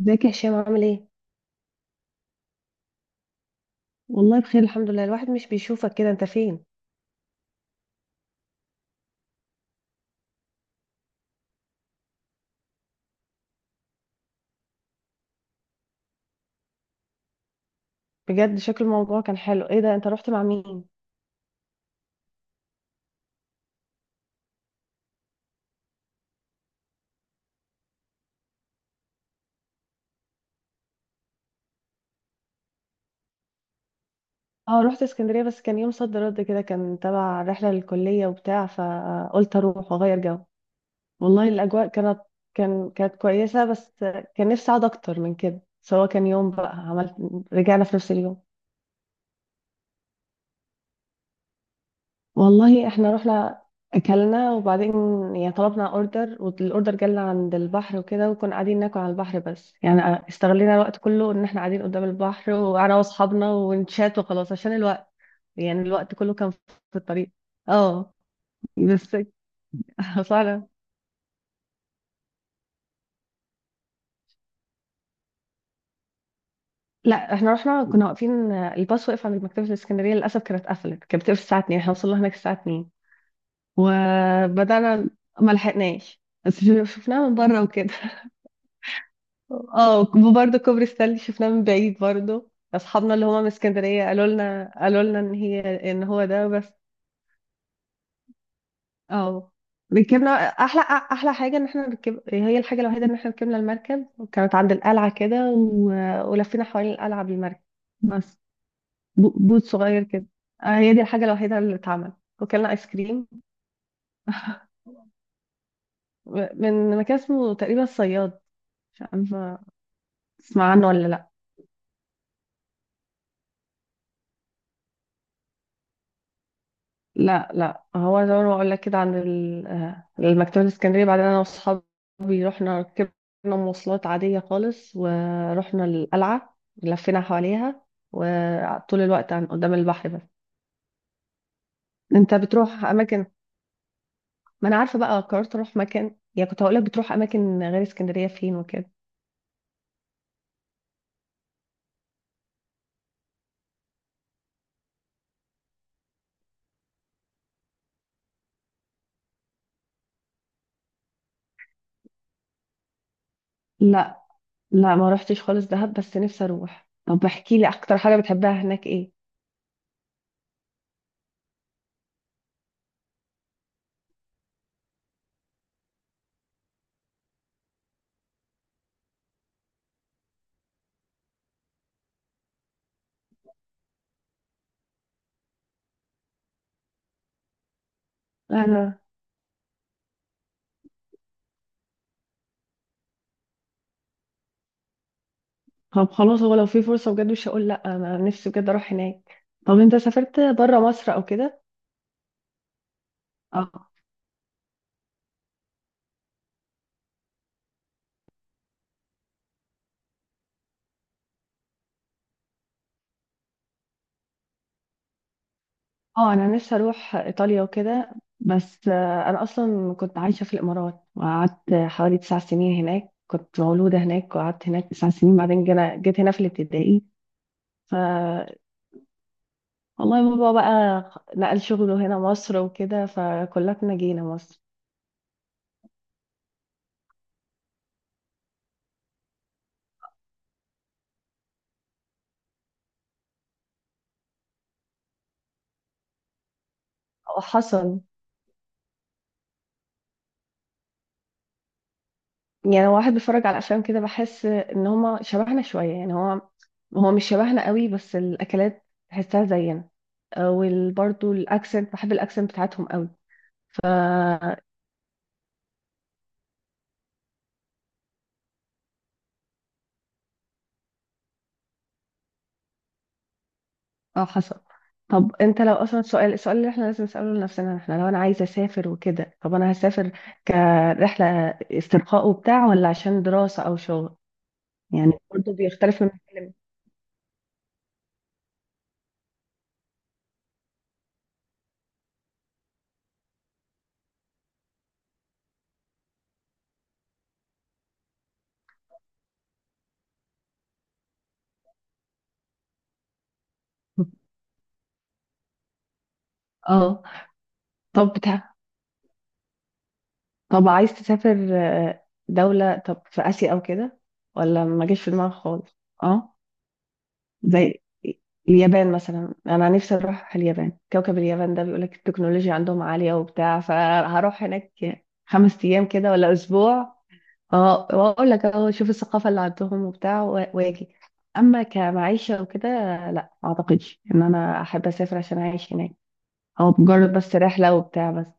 ازيك يا هشام عامل ايه؟ والله بخير، الحمد لله. الواحد مش بيشوفك كده، انت فين؟ بجد شكل الموضوع كان حلو. ايه ده، انت رحت مع مين؟ اه، رحت اسكندرية بس كان يوم صد رد كده، كان تبع رحلة للكلية وبتاع، فقلت اروح واغير جو. والله الاجواء كانت، كانت كويسة بس كان نفسي اقعد اكتر من كده. سواء كان يوم بقى، عملت، رجعنا في نفس اليوم. والله احنا رحنا اكلنا وبعدين يعني طلبنا اوردر، والاوردر جالنا عند البحر وكده، وكنا قاعدين ناكل على البحر. بس يعني استغلينا الوقت كله ان احنا قاعدين قدام البحر، وانا واصحابنا ونشات وخلاص عشان الوقت. يعني الوقت كله كان في الطريق. اه بس. فعلا. لا احنا رحنا، كنا واقفين الباص واقف عند مكتبة الاسكندرية، للاسف كانت قفلت، كانت بتقفل الساعة 2 احنا وصلنا هناك الساعة 2 وبدأنا. ما لحقناش بس شفناها من بره وكده. اه، وبرضه كوبري ستانلي شفناه من بعيد برضه. اصحابنا اللي هما من اسكندريه قالوا لنا ان هي، ان هو ده بس. اه ركبنا، احلى حاجه ان احنا ركب، هي الحاجه الوحيده ان احنا ركبنا المركب، وكانت عند القلعه كده ولفينا حوالين القلعه بالمركب. بس ب- بوت صغير كده. آه، هي دي الحاجه الوحيده اللي اتعملت. وكلنا ايس كريم. من مكان اسمه تقريبا الصياد، مش عارفه تسمع عنه ولا لا. لا هو زي ما بقول لك كده عند المكتبة الإسكندرية، بعدين أنا وأصحابي رحنا، ركبنا مواصلات عادية خالص ورحنا القلعة، لفينا حواليها وطول الوقت عن قدام البحر بس. أنت بتروح أماكن؟ ما أنا عارفة بقى قررت أروح مكان، يعني كنت هقولك بتروح أماكن غير اسكندرية فين وكده. لا لا ما رحتش خالص دهب بس نفسي أروح. طب احكي لي أكتر حاجة بتحبها هناك إيه؟ أنا، طب خلاص، هو لو في فرصة بجد مش هقول لأ، أنا نفسي بجد أروح هناك. طب أنت سافرت برا مصر أو كده؟ اه، اه أنا نفسي أروح إيطاليا وكده، بس آه، أنا أصلا كنت عايشة في الإمارات وقعدت حوالي تسع سنين هناك، كنت مولودة هناك وقعدت هناك تسع سنين، بعدين جيت هنا في الابتدائي. ف والله بابا بقى نقل شغله هنا مصر وكده فكلنا جينا مصر. وحصل يعني لو واحد بيتفرج على افلام كده بحس ان هما شبهنا شويه، يعني هو مش شبهنا قوي بس الاكلات تحسها زينا، وبرضه الاكسنت، بحب الاكسنت بتاعتهم قوي. ف اه حصل. طب انت لو اصلا السؤال، اللي احنا لازم نساله لنفسنا، احنا لو انا عايزه اسافر وكده، طب انا هسافر كرحله استرخاء وبتاع، ولا عشان دراسه او شغل؟ يعني برضه بيختلف من مكان لمكان. اه، طب بتاع، طب عايز تسافر آه، دولة طب في آسيا أو كده، ولا ما جاش في دماغك خالص؟ اه، زي اليابان مثلا. أنا نفسي أروح اليابان، كوكب اليابان ده، بيقولك التكنولوجيا عندهم عالية وبتاع، فهروح هناك خمس أيام كده ولا أسبوع اه، وأقول لك أهو شوف الثقافة اللي عندهم وبتاع وأجي. أما كمعيشة وكده، لا ما أعتقدش إن أنا أحب أسافر عشان أعيش هناك، هو مجرد بس رحلة وبتاع بس.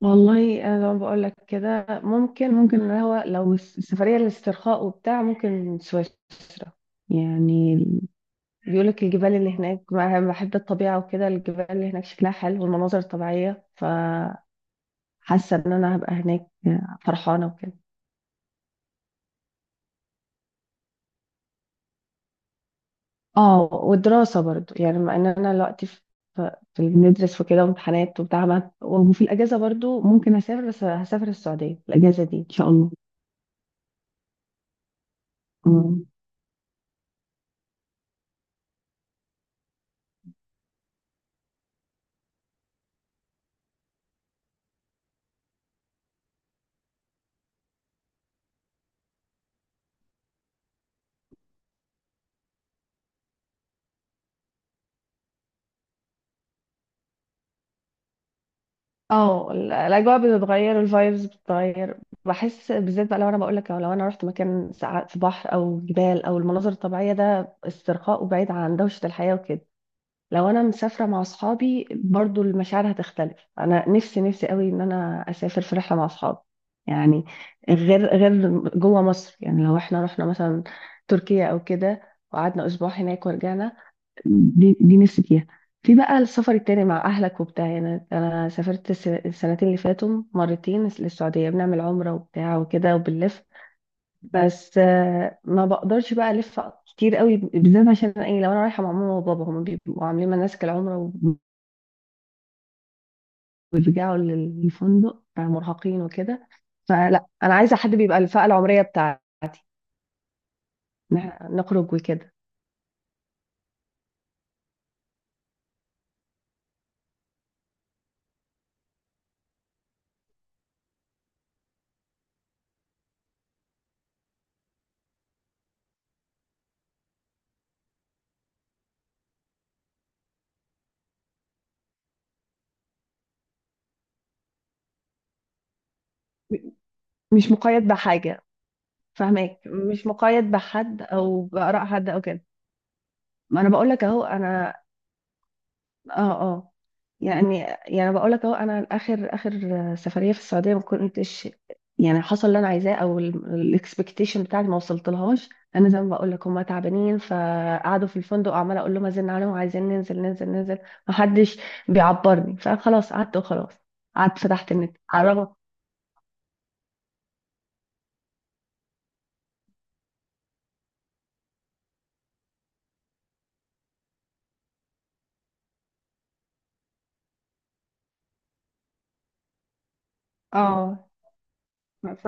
والله انا زي ما بقول لك كده ممكن، اللي هو لو السفريه للاسترخاء وبتاع، ممكن سويسرا. يعني بيقول لك الجبال اللي هناك بقى، بحب الطبيعه وكده، الجبال اللي هناك شكلها حلو والمناظر الطبيعيه، فحاسه ان انا هبقى هناك فرحانه وكده. اه والدراسه برضو، يعني مع ان انا دلوقتي في، في بندرس وكده وامتحانات وبتاع، وفي الاجازه برضو ممكن اسافر، بس هسافر السعوديه الاجازه دي ان شاء الله. آه. اه، الاجواء بتتغير، الفايبز بتتغير. بحس بالذات بقى، لو انا بقول لك، لو انا رحت مكان ساعات في بحر او جبال او المناظر الطبيعيه، ده استرخاء وبعيد عن دوشه الحياه وكده. لو انا مسافره مع اصحابي برضو المشاعر هتختلف. انا نفسي، نفسي قوي ان انا اسافر في رحله مع اصحابي. يعني غير جوه مصر، يعني لو احنا رحنا مثلا تركيا او كده وقعدنا اسبوع هناك ورجعنا، دي نفسي فيها. في بقى السفر التاني مع أهلك وبتاع، يعني أنا سافرت السنتين اللي فاتوا مرتين للسعودية، بنعمل عمرة وبتاع وكده وبنلف، بس آه، ما بقدرش بقى ألف كتير قوي. بالذات عشان إيه، لو أنا رايحة مع ماما وبابا هما بيبقوا عاملين مناسك العمرة، وبيرجعوا للفندق آه، مرهقين وكده. فلا، أنا عايزة حد بيبقى الفئة العمرية بتاعتي نخرج وكده، مش مقيد بحاجة. فاهمك، مش مقيد بحد أو بآراء حد أو كده. ما انا بقول لك اهو. انا اه. اه يعني، يعني بقول لك اهو، انا اخر سفريه في السعوديه ما كنتش، يعني حصل اللي انا عايزاه، او الاكسبكتيشن بتاعتي ما وصلت لهاش. انا زي ما بقول لك هم تعبانين فقعدوا في الفندق، عماله اقول لهم ازن عليهم عايزين ننزل، ننزل ننزل، ما حدش بيعبرني، فخلاص قعدت وخلاص. قعدت فتحت النت على الرغم. اه ف-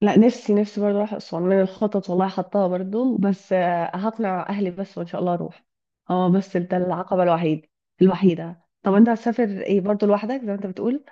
لا، نفسي، نفسي برضه اروح اسوان، من الخطط والله حطاها برضه، بس آه، هقنع اهلي بس وان شاء الله اروح. اه بس ده العقبه الوحيد، الوحيده. طب انت هتسافر ايه برضه لوحدك زي ما انت بتقول؟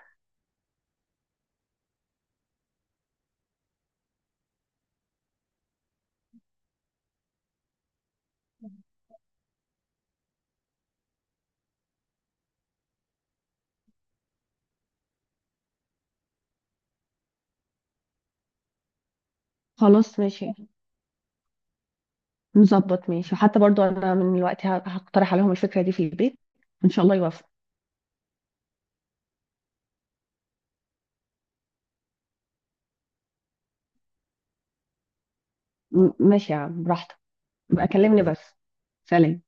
خلاص ماشي، نظبط، ماشي. وحتى برضه انا من الوقت هقترح عليهم الفكره دي في البيت، وان شاء الله يوافقوا. ماشي يا عم براحتك. بقى كلمني بس. سلام.